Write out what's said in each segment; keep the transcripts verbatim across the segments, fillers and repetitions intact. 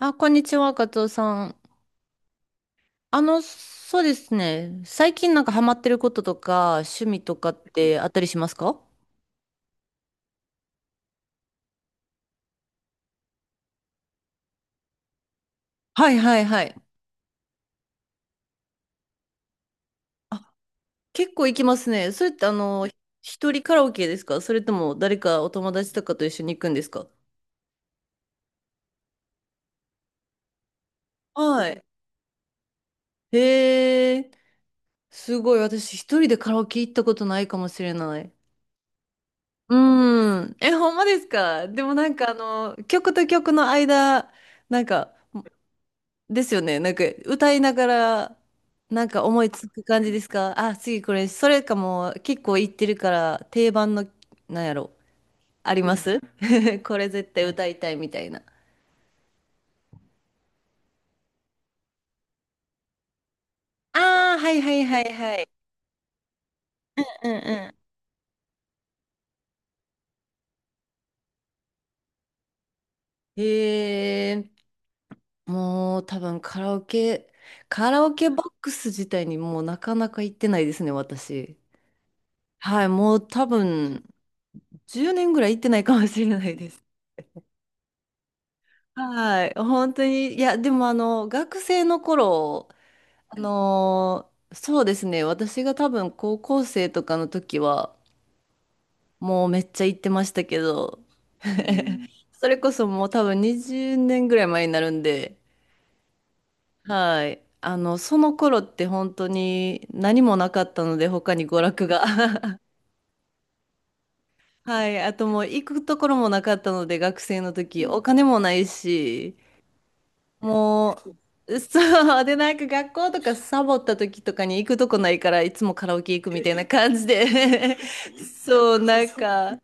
あ、こんにちは、カツオさん。あの、そうですね。最近なんかハマってることとか、趣味とかってあったりしますか？はいはいはい。あ、結構行きますね。それってあの、一人カラオケですか？それとも誰かお友達とかと一緒に行くんですか？はい。へえ、すごい。私一人でカラオケ行ったことないかもしれない。うーん。え、ほんまですか？でもなんかあの、曲と曲の間、なんか、ですよね。なんか歌いながら、なんか思いつく感じですか？あ、次これ、それかも結構言ってるから定番の、なんやろ、あります。 これ絶対歌いたいみたいな。ああ、はいはいはいはい。うんうん。へえ、もう多分カラオケ、カラオケボックス自体にもうなかなか行ってないですね、私。はい、もう多分じゅうねんぐらい行ってないかもしれないです。はい、本当に、いや、でもあの、学生の頃、あのーそうですね、私が多分高校生とかの時は、もうめっちゃ行ってましたけど、それこそもう多分にじゅうねんぐらい前になるんで、はい、あの、その頃って本当に何もなかったので、他に娯楽が。はい、あともう行くところもなかったので、学生の時、お金もないし、もう、そう。で、なんか学校とかサボった時とかに行くとこないから、いつもカラオケ行くみたいな感じで。 そう、なんか、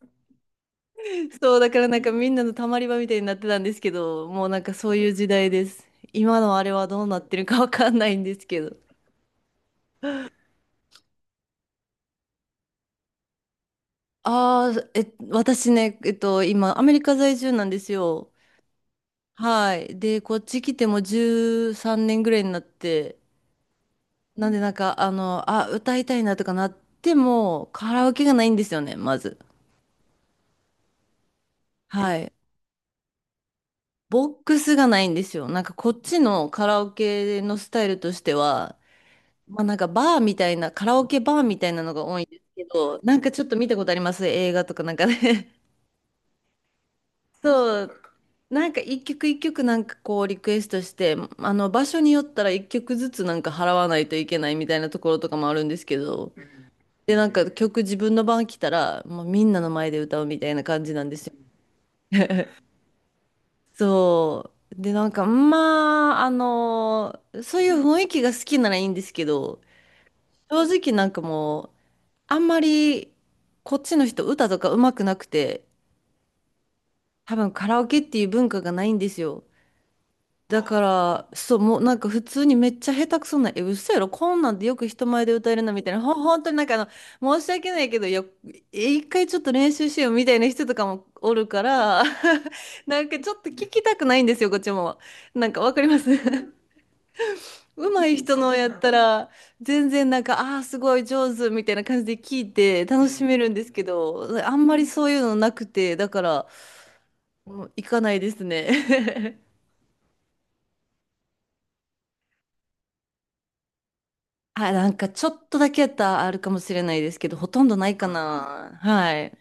そう、だからなんかみんなのたまり場みたいになってたんですけど、もうなんかそういう時代です。今のあれはどうなってるかわかんないんですけど。ああ、え、私ね、えっと、今、アメリカ在住なんですよ。はい。で、こっち来てもうじゅうさんねんぐらいになって、なんでなんか、あの、あ、歌いたいなとかなっても、カラオケがないんですよね、まず。はい。ボックスがないんですよ。なんかこっちのカラオケのスタイルとしては、まあなんかバーみたいな、カラオケバーみたいなのが多いんですけど、なんかちょっと見たことあります映画とかなんかね。そう。なんか一曲一曲なんかこうリクエストして、あの場所によったら一曲ずつなんか払わないといけないみたいなところとかもあるんですけど、で、なんか曲自分の番来たら、もうみんなの前で歌うみたいな感じなんですよ。そう。で、なんか、まあ、あのーそういう雰囲気が好きならいいんですけど、正直なんかもう、あんまり、こっちの人歌とか上手くなくて、多分カラオケっていう文化がないんですよ。だから、そう、もうなんか普通にめっちゃ下手くそな、え、嘘やろ、こんなんでよく人前で歌えるなみたいな、ほ、本当になんかあの、申し訳ないけど、よ、え一回ちょっと練習しようみたいな人とかもおるから、なんかちょっと聞きたくないんですよ、こっちも。なんかわかります。 上手い人のやったら、全然なんか、ああー、すごい上手みたいな感じで聞いて楽しめるんですけど、あんまりそういうのなくて、だから、もう行かないですね。あ、なんかちょっとだけやったらあるかもしれないですけど、ほとんどないかな。はい。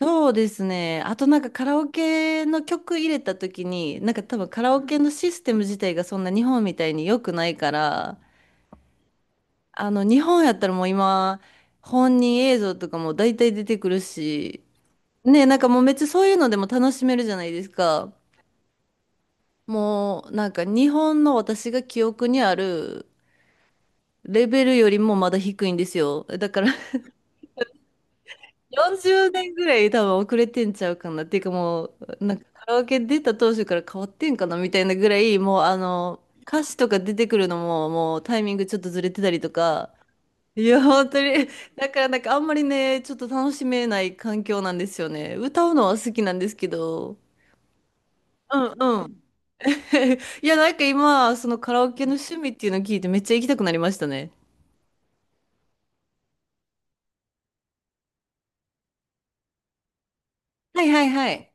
そうですね。あとなんかカラオケの曲入れた時に、なんか多分カラオケのシステム自体がそんな日本みたいに良くないから、あの日本やったらもう今、本人映像とかも大体出てくるし、ね、なんかもうめっちゃそういうのでも楽しめるじゃないですか。もうなんか日本の私が記憶にあるレベルよりもまだ低いんですよ。だからよんじゅうねんぐらい多分遅れてんちゃうかなっていうか、もうなんかカラオケ出た当初から変わってんかなみたいなぐらい、もうあの歌詞とか出てくるのももうタイミングちょっとずれてたりとか。 いや本当に、だからなんかあんまりねちょっと楽しめない環境なんですよね、歌うのは好きなんですけど。うんうん。 いやなんか今そのカラオケの趣味っていうのを聞いてめっちゃ行きたくなりましたね。はいはいはい。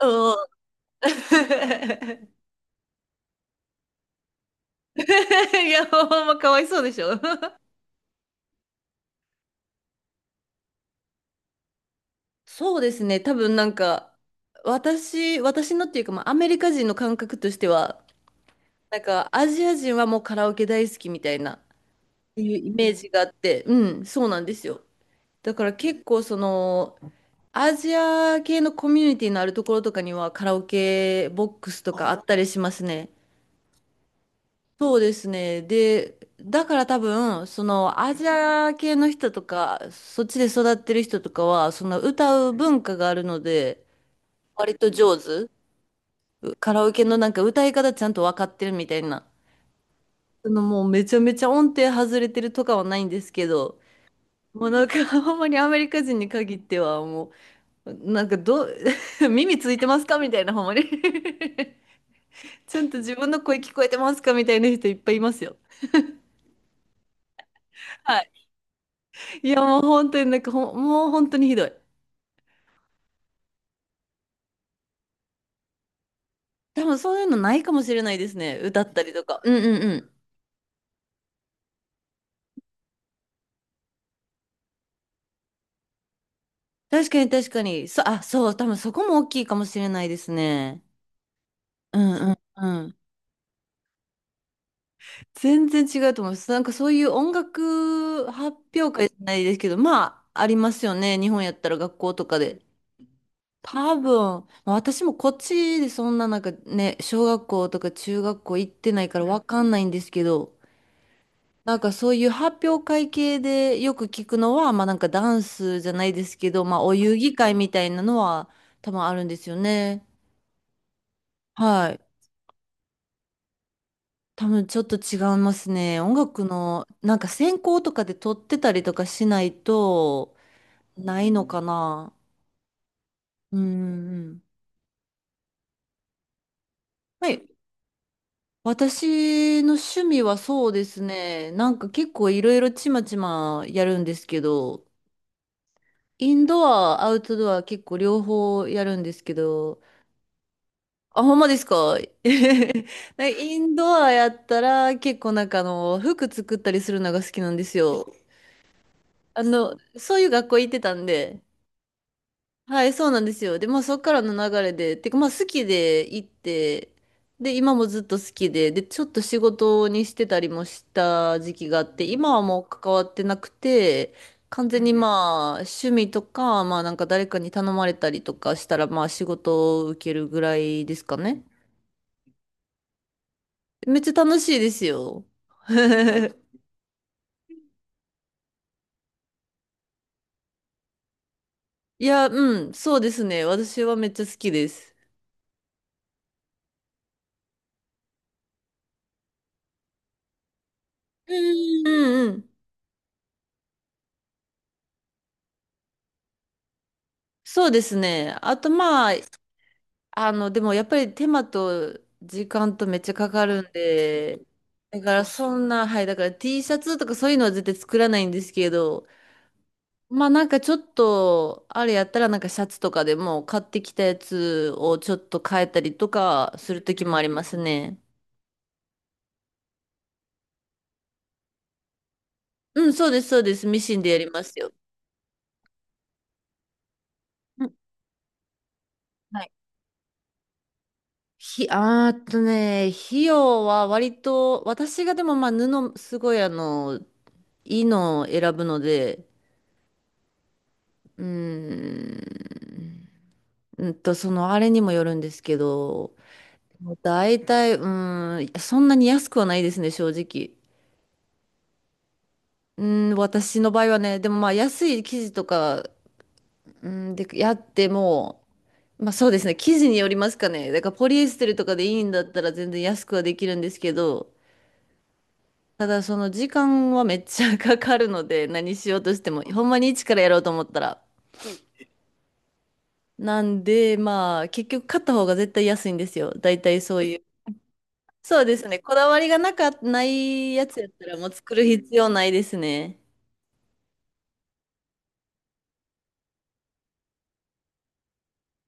うんうん。 いやほんまかわいそうでしょ。そうですね。多分なんか、私、私のっていうか、まあ、アメリカ人の感覚としては、なんか、アジア人はもうカラオケ大好きみたいな、っていうイメージがあって、うん、そうなんですよ。だから結構、その、アジア系のコミュニティのあるところとかには、カラオケボックスとかあったりしますね。そうですね。で、だから多分、その、アジア系の人とか、そっちで育ってる人とかは、その、歌う文化があるので、割と上手。うカラオケのなんか歌い方ちゃんと分かってるみたいな。そのもうめちゃめちゃ音程外れてるとかはないんですけど、もうなんか。 ほんまにアメリカ人に限ってはもう、なんかどう。 耳ついてますかみたいな、ほんまに。 ちゃんと自分の声聞こえてますかみたいな人いっぱいいますよ。はい。いやもう本当になんかほん、もう本当にひどい。多分そういうのないかもしれないですね。歌ったりとか。うんうんうん。確かに確かに。そ、あ、そう、多分そこも大きいかもしれないですね。うんうんうん。全然違うと思います。なんかそういう音楽発表会じゃないですけど、まあ、ありますよね。日本やったら学校とかで。多分、私もこっちでそんななんかね、小学校とか中学校行ってないからわかんないんですけど、なんかそういう発表会系でよく聞くのは、まあなんかダンスじゃないですけど、まあお遊戯会みたいなのは多分あるんですよね。はい。多分ちょっと違いますね。音楽の、なんか専攻とかで取ってたりとかしないと、ないのかな。うんうん。はい。私の趣味はそうですね。なんか結構いろいろちまちまやるんですけど、インドア、アウトドア結構両方やるんですけど、あ、ほんまですか？ なんかインドアやったら結構なんかあの、服作ったりするのが好きなんですよ。あの、そういう学校行ってたんで、はい、そうなんですよ。で、まあそっからの流れで、てかまあ好きで行って、で、今もずっと好きで、で、ちょっと仕事にしてたりもした時期があって、今はもう関わってなくて、完全にまあ趣味とか、まあなんか誰かに頼まれたりとかしたら、まあ仕事を受けるぐらいですかね。めっちゃ楽しいですよ。いや、うん、そうですね。私はめっちゃ好きです。うんうんうん。そうですね。あとまあ、好あの、でもやっぱり手間と時間とめっちゃかかるんで、だからそんな、はい、だから T シャツとかそういうのは絶対作らないんですけど、まあなんかちょっと、あれやったらなんかシャツとかでも買ってきたやつをちょっと変えたりとかする時もありますね。うん、そうです、そうです。ミシンでやりますよ。うんはい。ひ、あーっとね、費用は割と、私がでもまあ布、すごいあの、いいのを選ぶので、うーん。うんと、その、あれにもよるんですけど、大体、うーん、そんなに安くはないですね、正直。うん、私の場合はね、でもまあ、安い生地とか、うん、で、やっても、まあそうですね、生地によりますかね。だから、ポリエステルとかでいいんだったら全然安くはできるんですけど、ただ、その時間はめっちゃかかるので、何しようとしても、ほんまに一からやろうと思ったら。なんで、まあ、結局買った方が絶対安いんですよ。大体そういう。そうですね。こだわりがなか、ないやつやったらもう作る必要ないですね。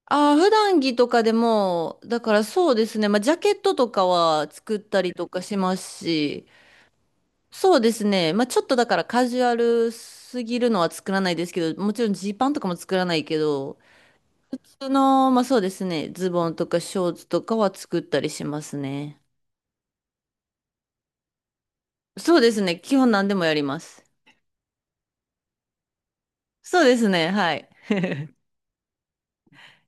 ああ、普段着とかでも、だからそうですね。まあ、ジャケットとかは作ったりとかしますし、そうですね。まあ、ちょっとだからカジュアルすぎるのは作らないですけど、もちろんジーパンとかも作らないけど、普通の、まあそうですね。ズボンとかショーツとかは作ったりしますね。そうですね。基本何でもやります。そうですね。はい。